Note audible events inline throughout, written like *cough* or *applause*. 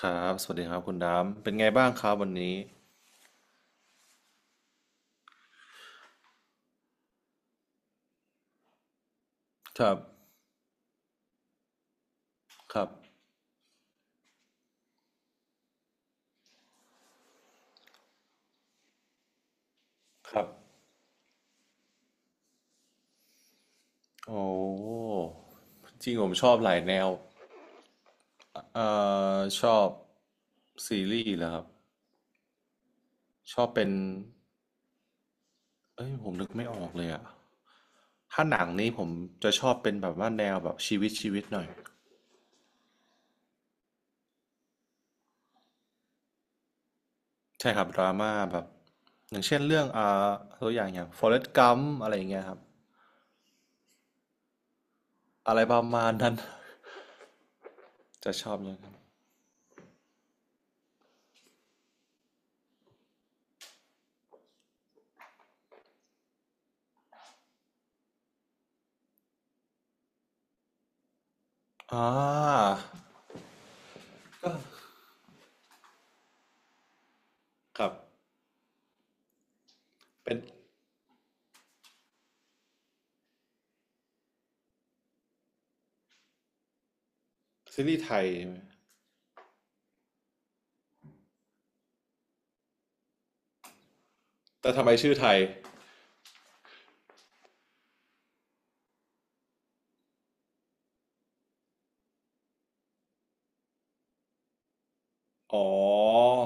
ครับ สวัสดีครับคุณดามเป็นไงบ้างครับวันนี้ ครับ ครับครับโอ้ จริงผมชอบหลายแนวเอ่ชอบซีรีส์เหรอครับ ชอบเป็นเอ้ยผมนึกไม่ออกเลยอะถ้าหนังนี้ผมจะชอบเป็นแบบว่าแนวแบบชีวิตหน่อยใช่ครับดราม่าแบบอย่างเช่นเรื่องตัวอย่างอย่าง Forrest Gump อะไรอย่างเงี้ยครับอะไรประมาณนั้น จะชอบอย่างนั้นอ่าครับเป็น ซีรีส์ไทยใช่ไหมแต่ทำไมชื่อไทยอ๋อ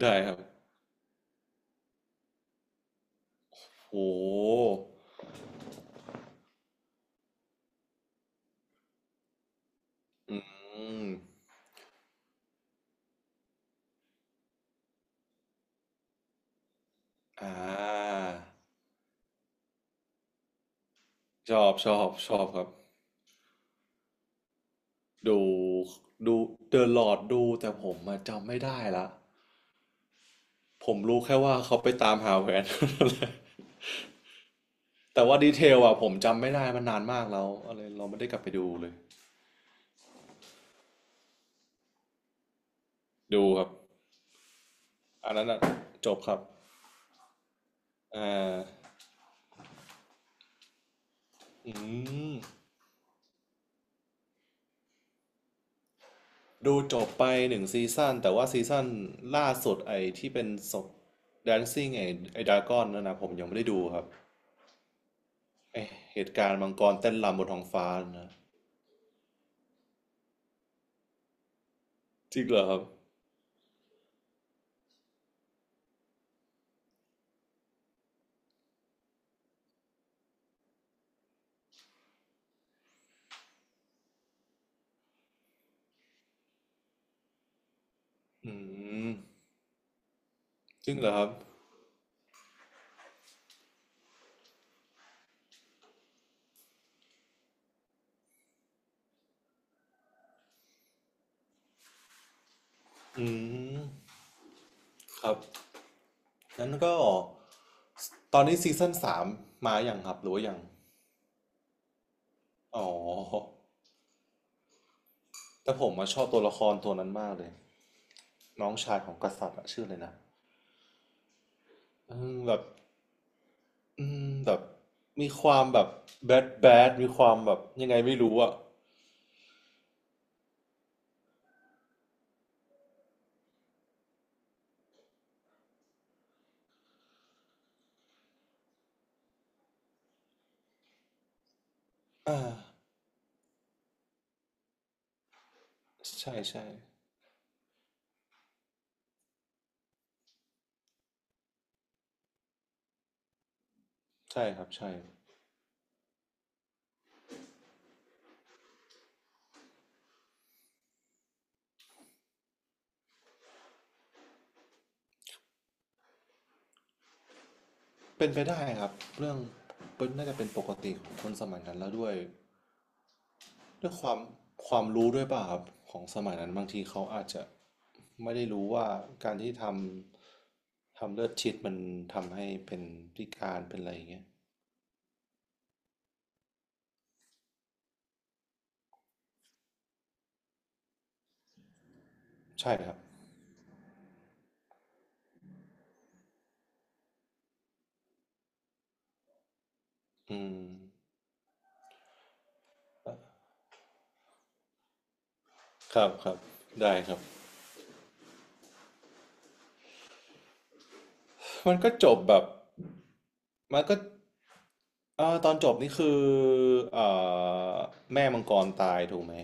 ได้ครับโอ้อืมอ่าชอบชอบชอบครับดูดูเดอะลอ d ดูแต่ผมมาจำไม่ได้ละผมรู้แค่ว่าเขาไปตามหาแหวน *laughs* แต่ว่าดีเทลอะผมจำไม่ได้มันนานมากแล้วอะไรเราไม่ได้กลับไปดูเลยดูครับอันนั้นอะจบครับอ่าอืม ดูจบไปหนึ่งซีซั่นแต่ว่าซีซั่นล่าสุดไอ้ที่เป็นศพ Dancing ไอ้ไอ้ดากอนนั่นนะผมยังไม่ได้ดูครับไอ้เหตุการณ์มังกรเต้นรำบนท้องฟ้านะจริงเหรอครับอืมจริงเหรอครับอืมครับนั้นก็ตอนนี้ซีซั่นสามมาอย่างครับหรือว่ายังอ๋อแต่ผมมาชอบตัวละครตัวนั้นมากเลยน้องชายของกษัตริย์อะชื่ออะไรนะอืมแบบ อืมแบบมีความแบบแบดมีความแบบยังไงไม่รู้อ่ะอ่าใช่ใช่ใช่ครับใช่เป็นไปได้ครับเรื่องเป็นน่าจะเป็นปกติของคนสมัยนั้นแล้วด้วยด้วยความความรู้ด้วยป่ะครับของสมัยนั้นบางทีเขาอาจจะไม่ได้รู้ว่าการที่ทำเลือดชิดมันทำให้เป็นพิการเป็นอะไรอย่างเงี้ยใช่ครับอืมครับครับได้ครับมันก็จบแบบมันก็ ตอนจบนี่คือเอ่อแม่มังกรตายถูกไหม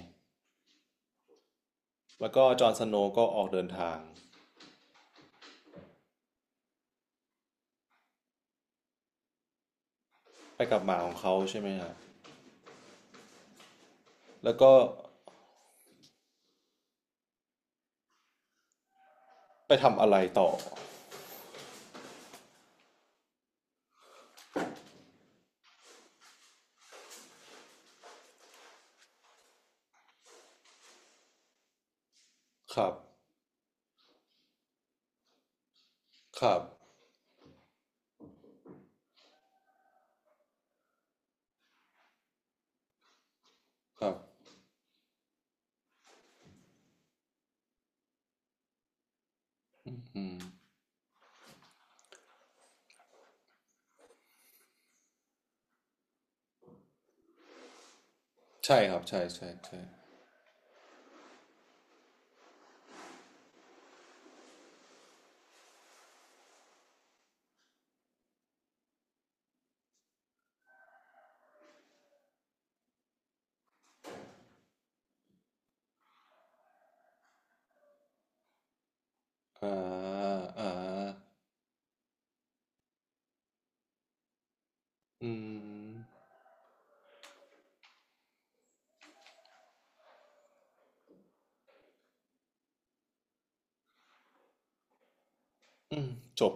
แล้วก็จอห์นสโนว์ก็ออกเดินทางไปกับหมาของเขาใช่ไหมฮะแล้วก็ไปทำอะไรต่อครับครับครับอืมใช่ครับใช่ใช่ใช่อ่าอ่าอืมอืมจบ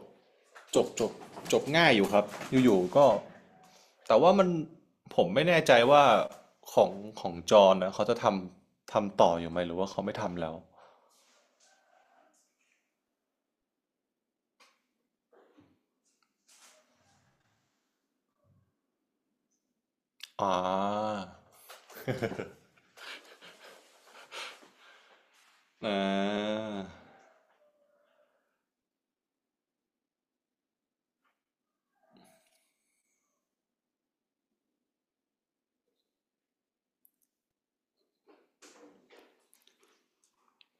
จบจบจบง่ายอยู่ครับอยู่ๆก็แต่ว่ามันผมไม่แน่ใจว่าของของจอห์นนะเขาจะทำต่ออยู่ไหมหรือว่าเขาไม่ทำแล้ว อ๋ออา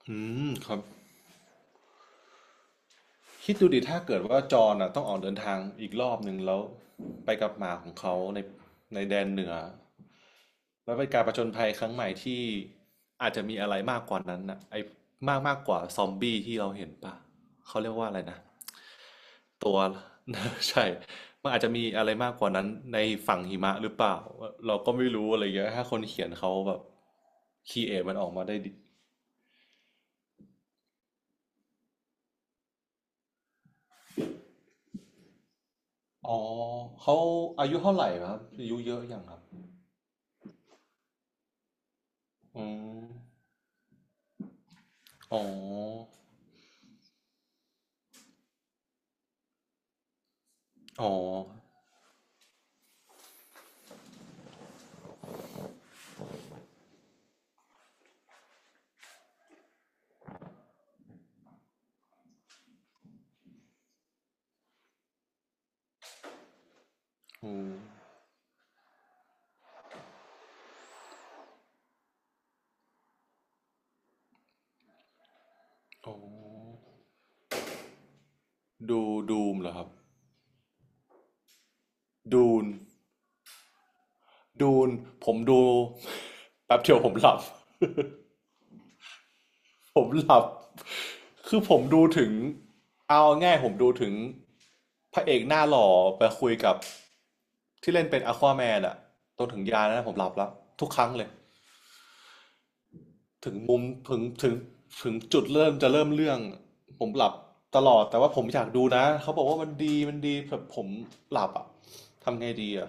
อืมครับคิดดูดิถ้าเกิดว่าจอห์นอ่ะต้องออกเดินทางอีกรอบหนึ่งแล้วไปกับหมาของเขาในแดนเหนือแล้วเป็นการผจญภัยครั้งใหม่ที่อาจจะมีอะไรมากกว่านั้นน่ะไอ้มากมากกว่าซอมบี้ที่เราเห็นปลเขาเรียกว่าอะไรนะตัว *laughs* ใช่มันอาจจะมีอะไรมากกว่านั้นในฝั่งหิมะหรือเปล่าเราก็ไม่รู้อะไรเงี้ยถ้าคนเขียนเขาแบบคีเอทมันออกมาได้ดี อ๋อเขาอายุเท่าไหร่ครับอายุเยอะยังครับอืมอ๋ออ๋ออืมอ๋อดูดูมเหรอครับดูนดูนผมดู *laughs* แป๊บเดียวผมหลับ *laughs* ผมหลับคือผมดูถึงเอาง่ายผมดูถึงพระเอกหน้าหล่อไปคุยกับที่เล่นเป็นอควาแมนอะจนถึงยานะผมหลับแล้วทุกครั้งเลย ถึงมุมถึงถึงจุดเริ่มจะเริ่มเรื่องผมหลับตลอดแต่ว่าผมอยากดูนะเขาบอกว่ามันดีมันดีแบบผมหลับอ่ะทำไงดีอ่ะ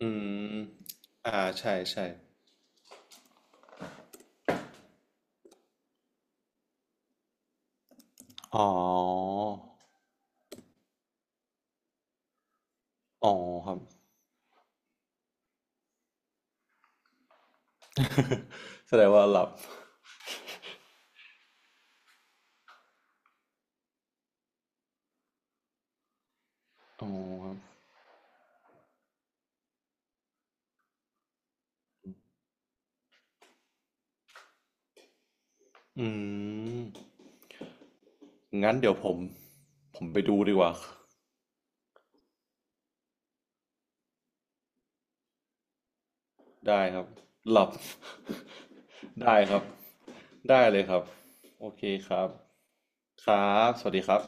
อืมอ่าใช่ใช่อ๋ออ๋อครับ *laughs* แสดงว่าหลับอ๋อครับอืมงั้นเดี๋ยวผมผมไปดูดีกว่าได้ครับหลับ *laughs* ได้ครับได้เลยครับโอเคครับครับสวัสดีครับ